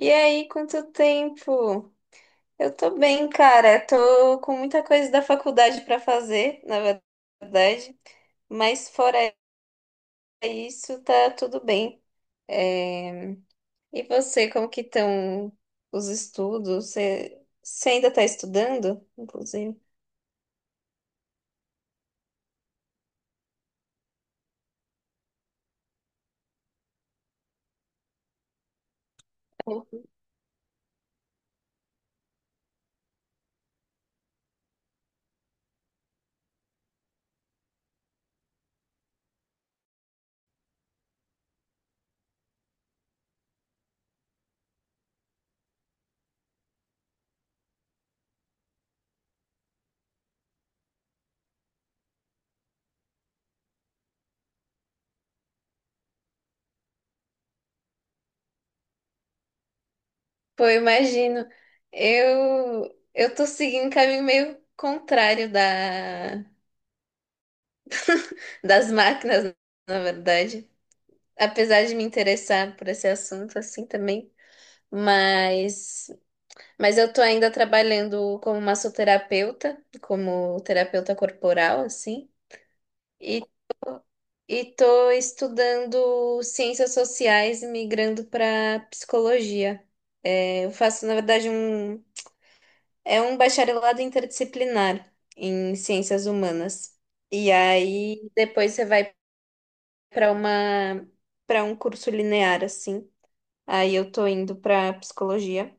E aí, quanto tempo? Eu tô bem, cara. Tô com muita coisa da faculdade pra fazer, na verdade. Mas fora isso, tá tudo bem. É, E você, como que estão os estudos? Você ainda tá estudando, inclusive? Pô, eu imagino. Eu tô seguindo um caminho meio contrário da... das máquinas, na verdade. Apesar de me interessar por esse assunto assim também, mas mas eu tô ainda trabalhando como massoterapeuta, como terapeuta corporal assim, e e tô estudando ciências sociais e migrando para psicologia. É, eu faço, na verdade, é um bacharelado interdisciplinar em ciências humanas. E aí depois você vai para uma para um curso linear assim. Aí eu tô indo pra psicologia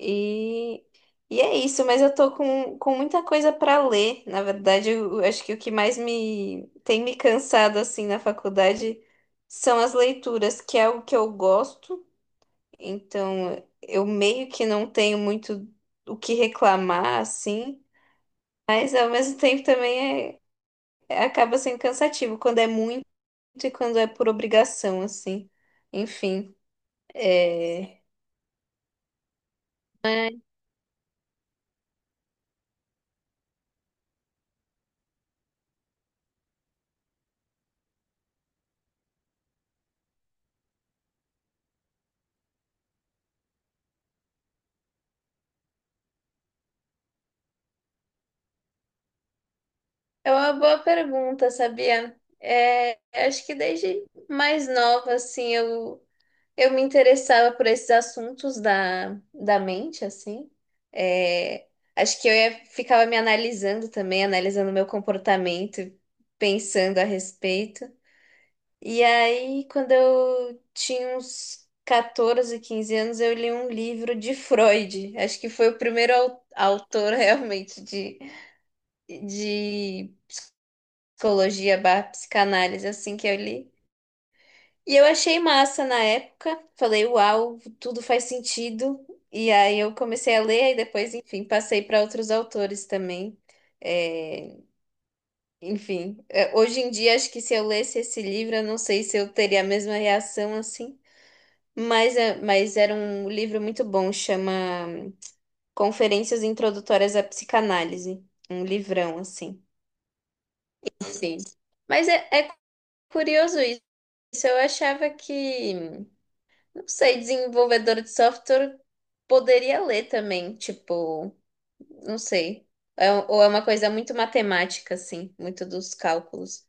e, e é isso, mas eu tô com muita coisa pra ler. Na verdade, eu acho que o que mais me tem me cansado assim na faculdade são as leituras, que é o que eu gosto. Então, eu meio que não tenho muito o que reclamar assim, mas ao mesmo tempo também acaba sendo cansativo quando é muito e quando é por obrigação assim. Enfim, é... É uma boa pergunta, sabia? Acho que desde mais nova, assim, eu me interessava por esses assuntos da mente, assim. É, acho que ficava me analisando também, analisando meu comportamento, pensando a respeito. E aí, quando eu tinha uns 14, 15 anos, eu li um livro de Freud. Acho que foi o primeiro autor realmente de psicologia barra psicanálise, assim que eu li. E eu achei massa na época, falei, uau, tudo faz sentido. E aí eu comecei a ler e depois, enfim, passei para outros autores também. É, Hoje em dia acho que se eu lesse esse livro, eu não sei se eu teria a mesma reação assim, mas era um livro muito bom, chama Conferências Introdutórias à Psicanálise, um livrão assim. Sim. Mas é curioso. Isso eu achava que, não sei, desenvolvedor de software poderia ler também, tipo, não sei. Ou é uma coisa muito matemática, assim, muito dos cálculos.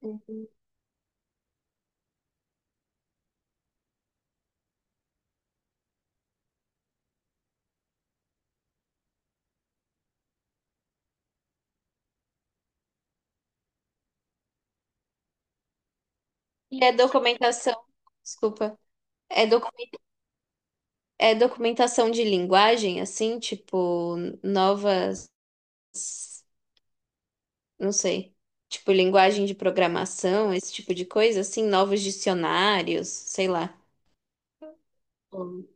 Uhum. E é documentação, desculpa, é, docu- é documentação de linguagem, assim, tipo, novas, não sei, tipo, linguagem de programação, esse tipo de coisa, assim, novos dicionários, sei lá. Hum.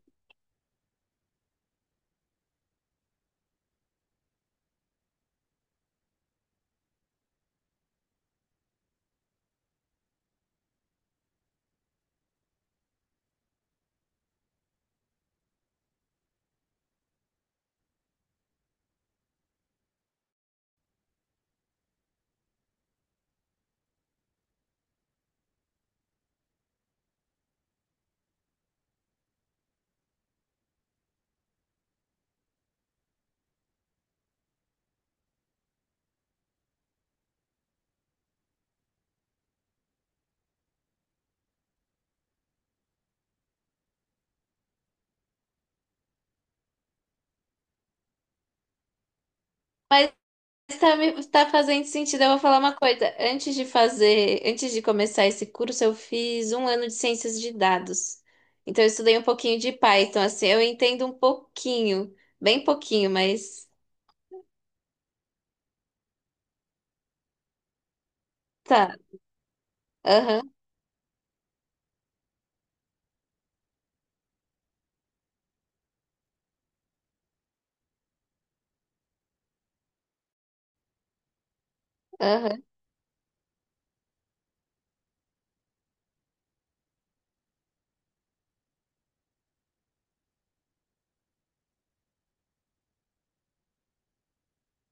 Mas está me tá fazendo sentido. Eu vou falar uma coisa. Antes de começar esse curso, eu fiz um ano de ciências de dados. Então eu estudei um pouquinho de Python, assim, eu entendo um pouquinho, bem pouquinho, mas tá. Aham, aham,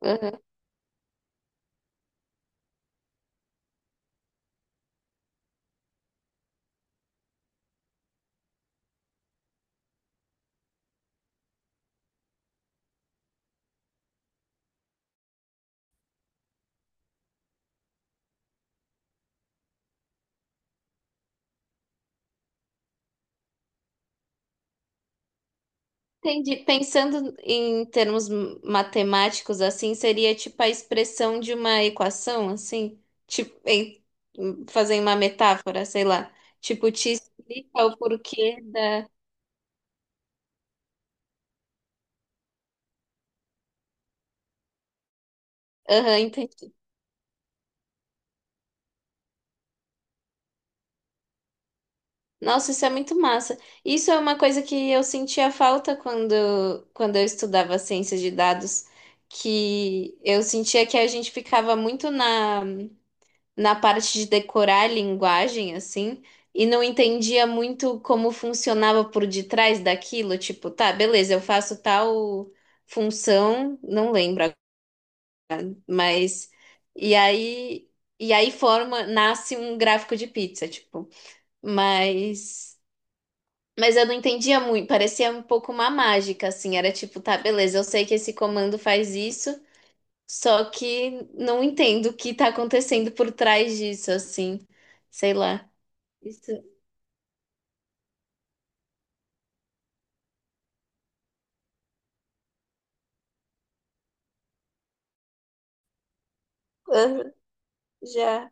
aham. Entendi. Pensando em termos matemáticos, assim, seria tipo a expressão de uma equação, assim, tipo, em- fazer uma metáfora, sei lá. Tipo, te explica o porquê da. Aham, entendi. Nossa, isso é muito massa. Isso é uma coisa que eu sentia falta quando eu estudava ciência de dados, que eu sentia que a gente ficava muito na parte de decorar a linguagem, assim, e não entendia muito como funcionava por detrás daquilo. Tipo, tá, beleza, eu faço tal função, não lembro, agora, mas. E aí, e aí forma, nasce um gráfico de pizza, tipo. Mas. Mas eu não entendia muito, parecia um pouco uma mágica, assim. Era tipo, tá, beleza, eu sei que esse comando faz isso, só que não entendo o que tá acontecendo por trás disso, assim. Sei lá. Isso, aham, já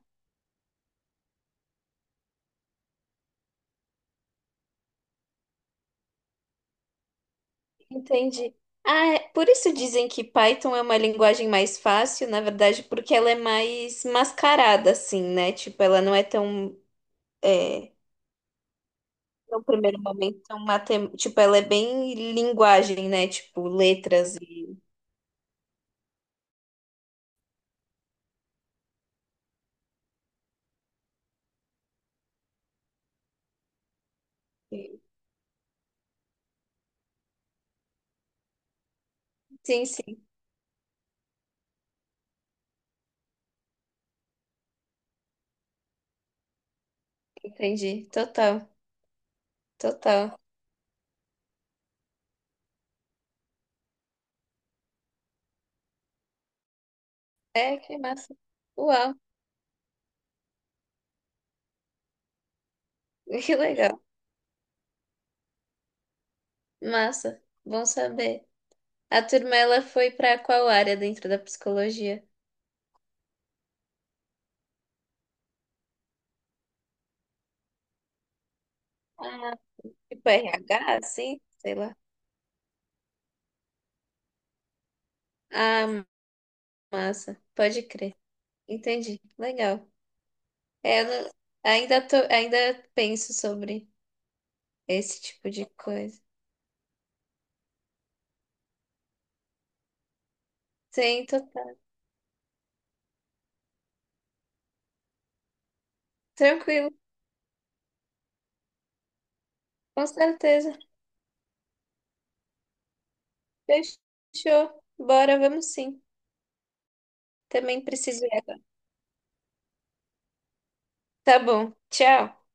entendi. Ah, por isso dizem que Python é uma linguagem mais fácil, na verdade, porque ela é mais mascarada, assim, né? Tipo, ela não é tão, é, no primeiro momento, tão matem... Tipo, ela é bem linguagem, né? Tipo, letras. Sim, sim. Entendi. Total, total. É, que massa. Uau, que legal. Massa. Bom saber. A turma, ela foi para qual área dentro da psicologia? Ah, tipo RH, assim? Sei lá. Ah, massa. Pode crer. Entendi. Legal. É, eu não- ainda tô, ainda penso sobre esse tipo de coisa. Sim, total. Tranquilo, com certeza. Fechou. Bora, vamos sim. Também preciso ir agora. Tá bom. Tchau.